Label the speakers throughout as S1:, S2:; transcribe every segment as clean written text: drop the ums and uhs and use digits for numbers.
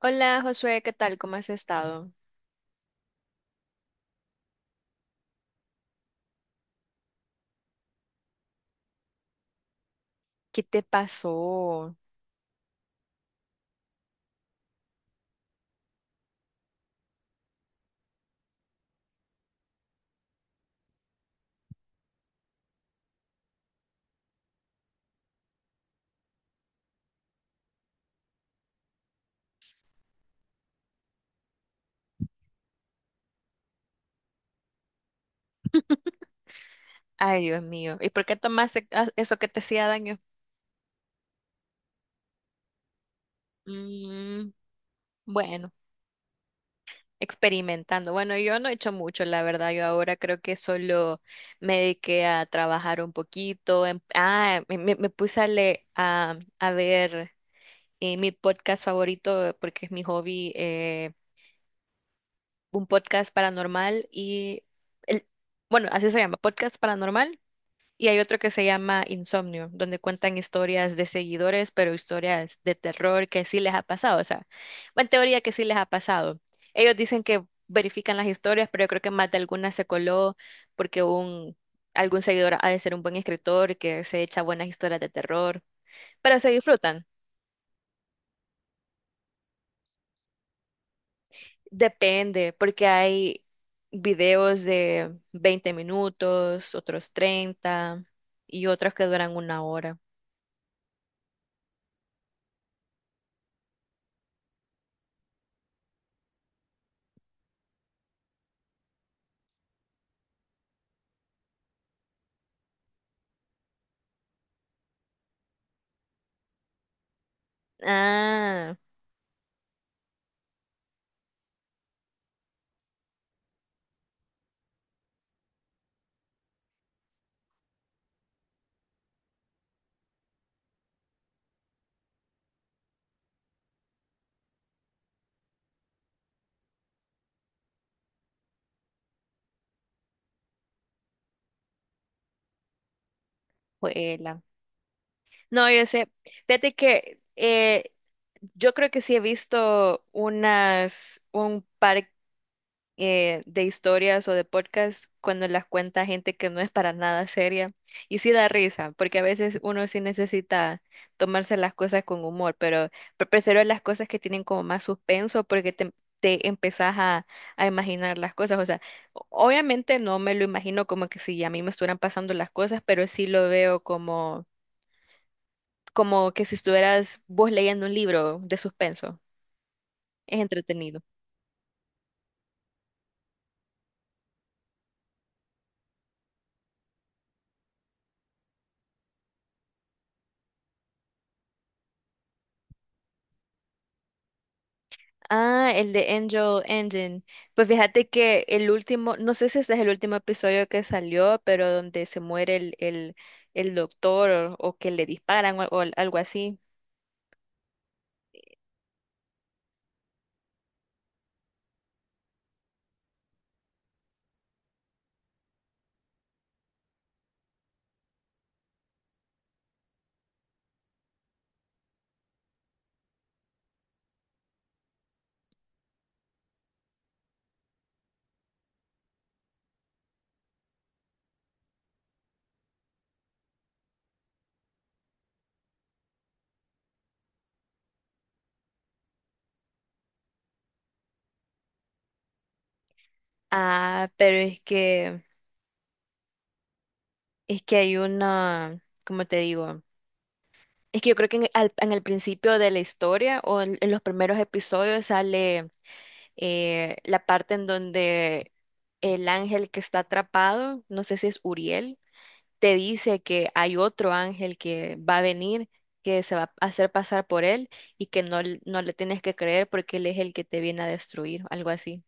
S1: Hola Josué, ¿qué tal? ¿Cómo has estado? ¿Qué te pasó? Ay, Dios mío. ¿Y por qué tomaste eso que te hacía daño? Mm, bueno, experimentando. Bueno, yo no he hecho mucho, la verdad. Yo ahora creo que solo me dediqué a trabajar un poquito. Ah, me puse a ver mi podcast favorito porque es mi hobby, un podcast paranormal y... el- Bueno, así se llama, podcast paranormal. Y hay otro que se llama Insomnio, donde cuentan historias de seguidores, pero historias de terror que sí les ha pasado. O sea, en teoría que sí les ha pasado. Ellos dicen que verifican las historias, pero yo creo que más de alguna se coló porque algún seguidor ha de ser un buen escritor que se echa buenas historias de terror. Pero se disfrutan. Depende, porque hay videos de 20 minutos, otros 30 y otros que duran 1 hora. Ah, bueno. No, yo sé. Fíjate que yo creo que sí he visto unas, un par de historias o de podcasts cuando las cuenta gente que no es para nada seria. Y sí da risa, porque a veces uno sí necesita tomarse las cosas con humor, pero prefiero las cosas que tienen como más suspenso porque te empezás a imaginar las cosas. O sea, obviamente no me lo imagino como que si a mí me estuvieran pasando las cosas, pero sí lo veo como como que si estuvieras vos leyendo un libro de suspenso. Es entretenido. Ah, el de Angel Engine. Pues fíjate que el último, no sé si este es el último episodio que salió, pero donde se muere el doctor o que le disparan o algo así. Ah, pero es que hay una, ¿cómo te digo? Es que yo creo que en el principio de la historia o en los primeros episodios sale la parte en donde el ángel que está atrapado, no sé si es Uriel, te dice que hay otro ángel que va a venir, que se va a hacer pasar por él y que no le tienes que creer porque él es el que te viene a destruir, algo así.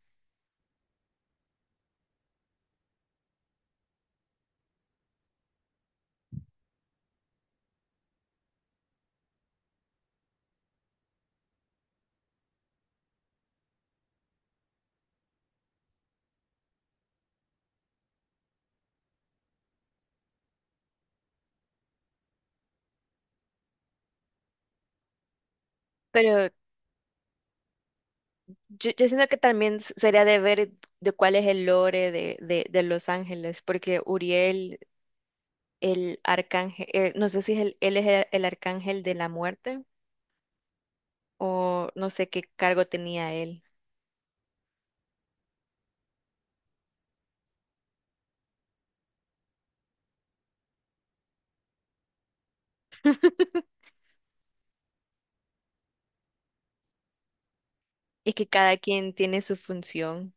S1: Pero yo siento que también sería de ver de cuál es el lore de Los Ángeles, porque Uriel, el arcángel, no sé si él es el arcángel de la muerte o no sé qué cargo tenía él. Es que cada quien tiene su función,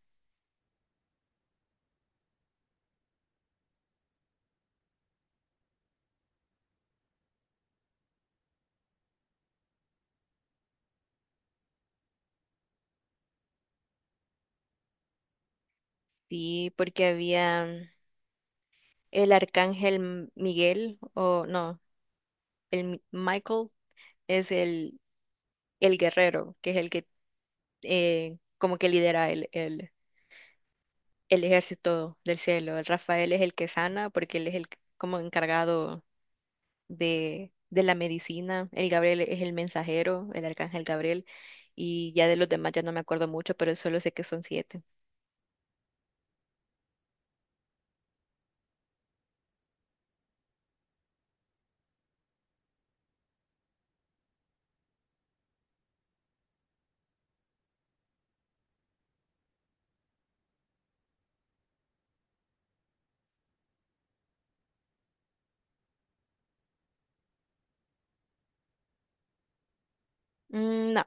S1: sí, porque había el arcángel Miguel, o no, el Michael es el guerrero, que es el que como que lidera el ejército del cielo. El Rafael es el que sana, porque él es como encargado de la medicina. El Gabriel es el mensajero, el arcángel Gabriel, y ya de los demás ya no me acuerdo mucho, pero solo sé que son 7. Mm, no.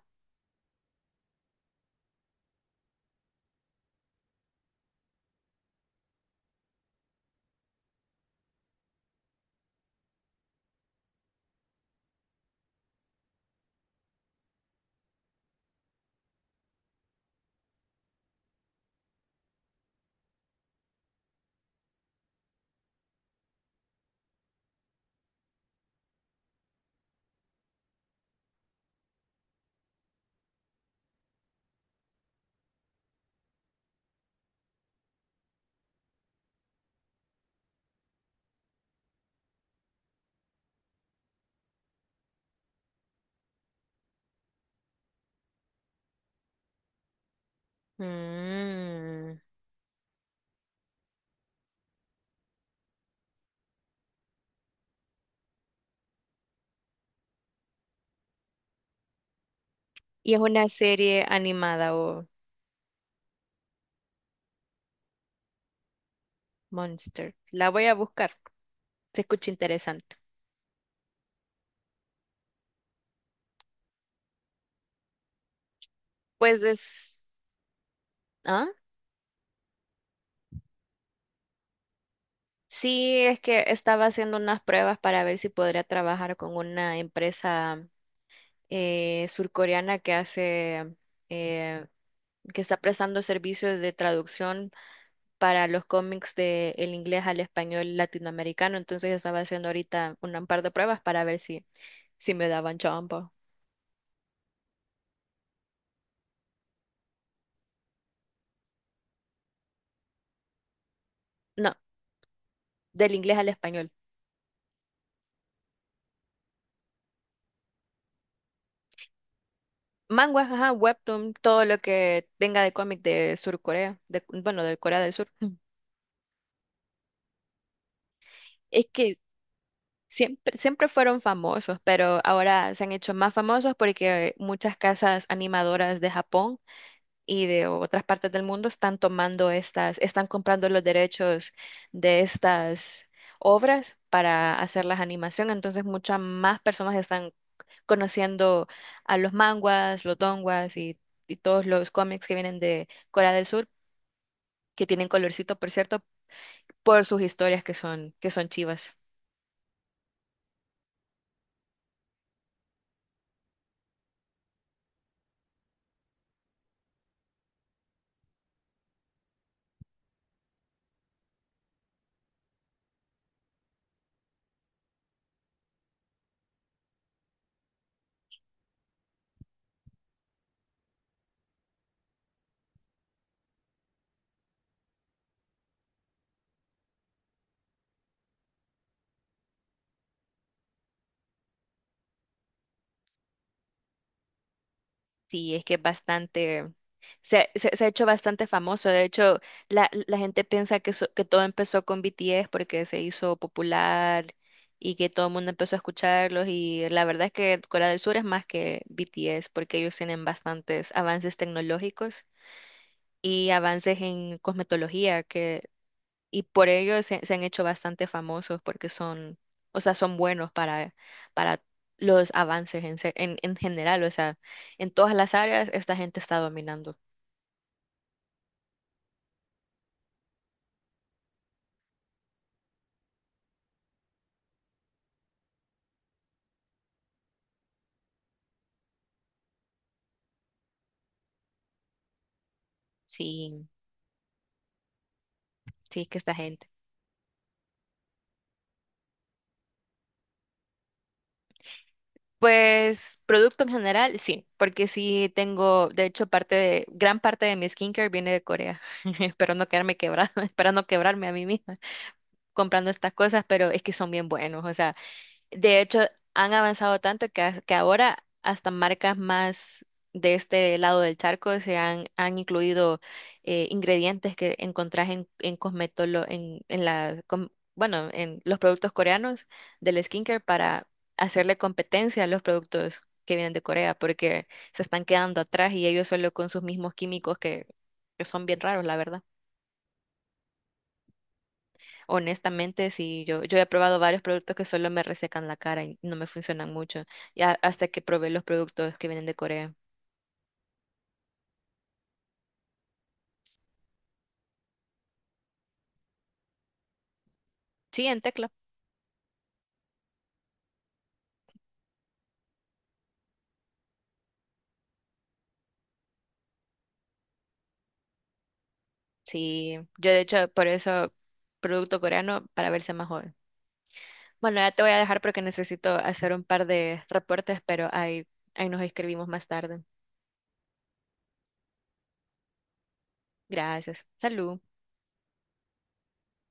S1: Mm. ¿Y es una serie animada o Monster? La voy a buscar. Se escucha interesante. Pues es... ¿Ah? Sí, es que estaba haciendo unas pruebas para ver si podría trabajar con una empresa surcoreana que hace... eh, que está prestando servicios de traducción para los cómics de el inglés al español latinoamericano. Entonces estaba haciendo ahorita un par de pruebas para ver si me daban chamba. No, del inglés al español. Manguas, ajá, webtoon, todo lo que venga de cómic de Sur Corea, de, bueno, de Corea del Sur. Mm. Es que siempre fueron famosos, pero ahora se han hecho más famosos porque muchas casas animadoras de Japón y de otras partes del mundo están tomando estas, están comprando los derechos de estas obras para hacer las animación. Entonces, muchas más personas están conociendo a los manguas, los donguas y todos los cómics que vienen de Corea del Sur que tienen colorcito, por cierto, por sus historias que son chivas. Sí, es que es bastante, se ha hecho bastante famoso. De hecho, la gente piensa que, que todo empezó con BTS porque se hizo popular y que todo el mundo empezó a escucharlos. Y la verdad es que Corea del Sur es más que BTS porque ellos tienen bastantes avances tecnológicos y avances en cosmetología, que y por ello se han hecho bastante famosos porque son, o sea, son buenos para los avances en general, o sea, en todas las áreas esta gente está dominando. Sí, sí, que esta gente. Pues producto en general, sí, porque sí tengo, de hecho, parte de, gran parte de mi skincare viene de Corea. Espero no quedarme quebrada, espero no quebrarme a mí misma comprando estas cosas, pero es que son bien buenos, o sea. De hecho, han avanzado tanto que, que ahora hasta marcas más de este lado del charco han incluido ingredientes que encontrás en bueno, en los productos coreanos del skincare para hacerle competencia a los productos que vienen de Corea, porque se están quedando atrás y ellos solo con sus mismos químicos que son bien raros, la verdad. Honestamente, sí, yo he probado varios productos que solo me resecan la cara y no me funcionan mucho, ya hasta que probé los productos que vienen de Corea. Sí, en tecla. Sí, yo de hecho por eso producto coreano para verse más joven. Bueno, ya te voy a dejar porque necesito hacer un par de reportes, pero ahí, ahí nos escribimos más tarde. Gracias. Salud.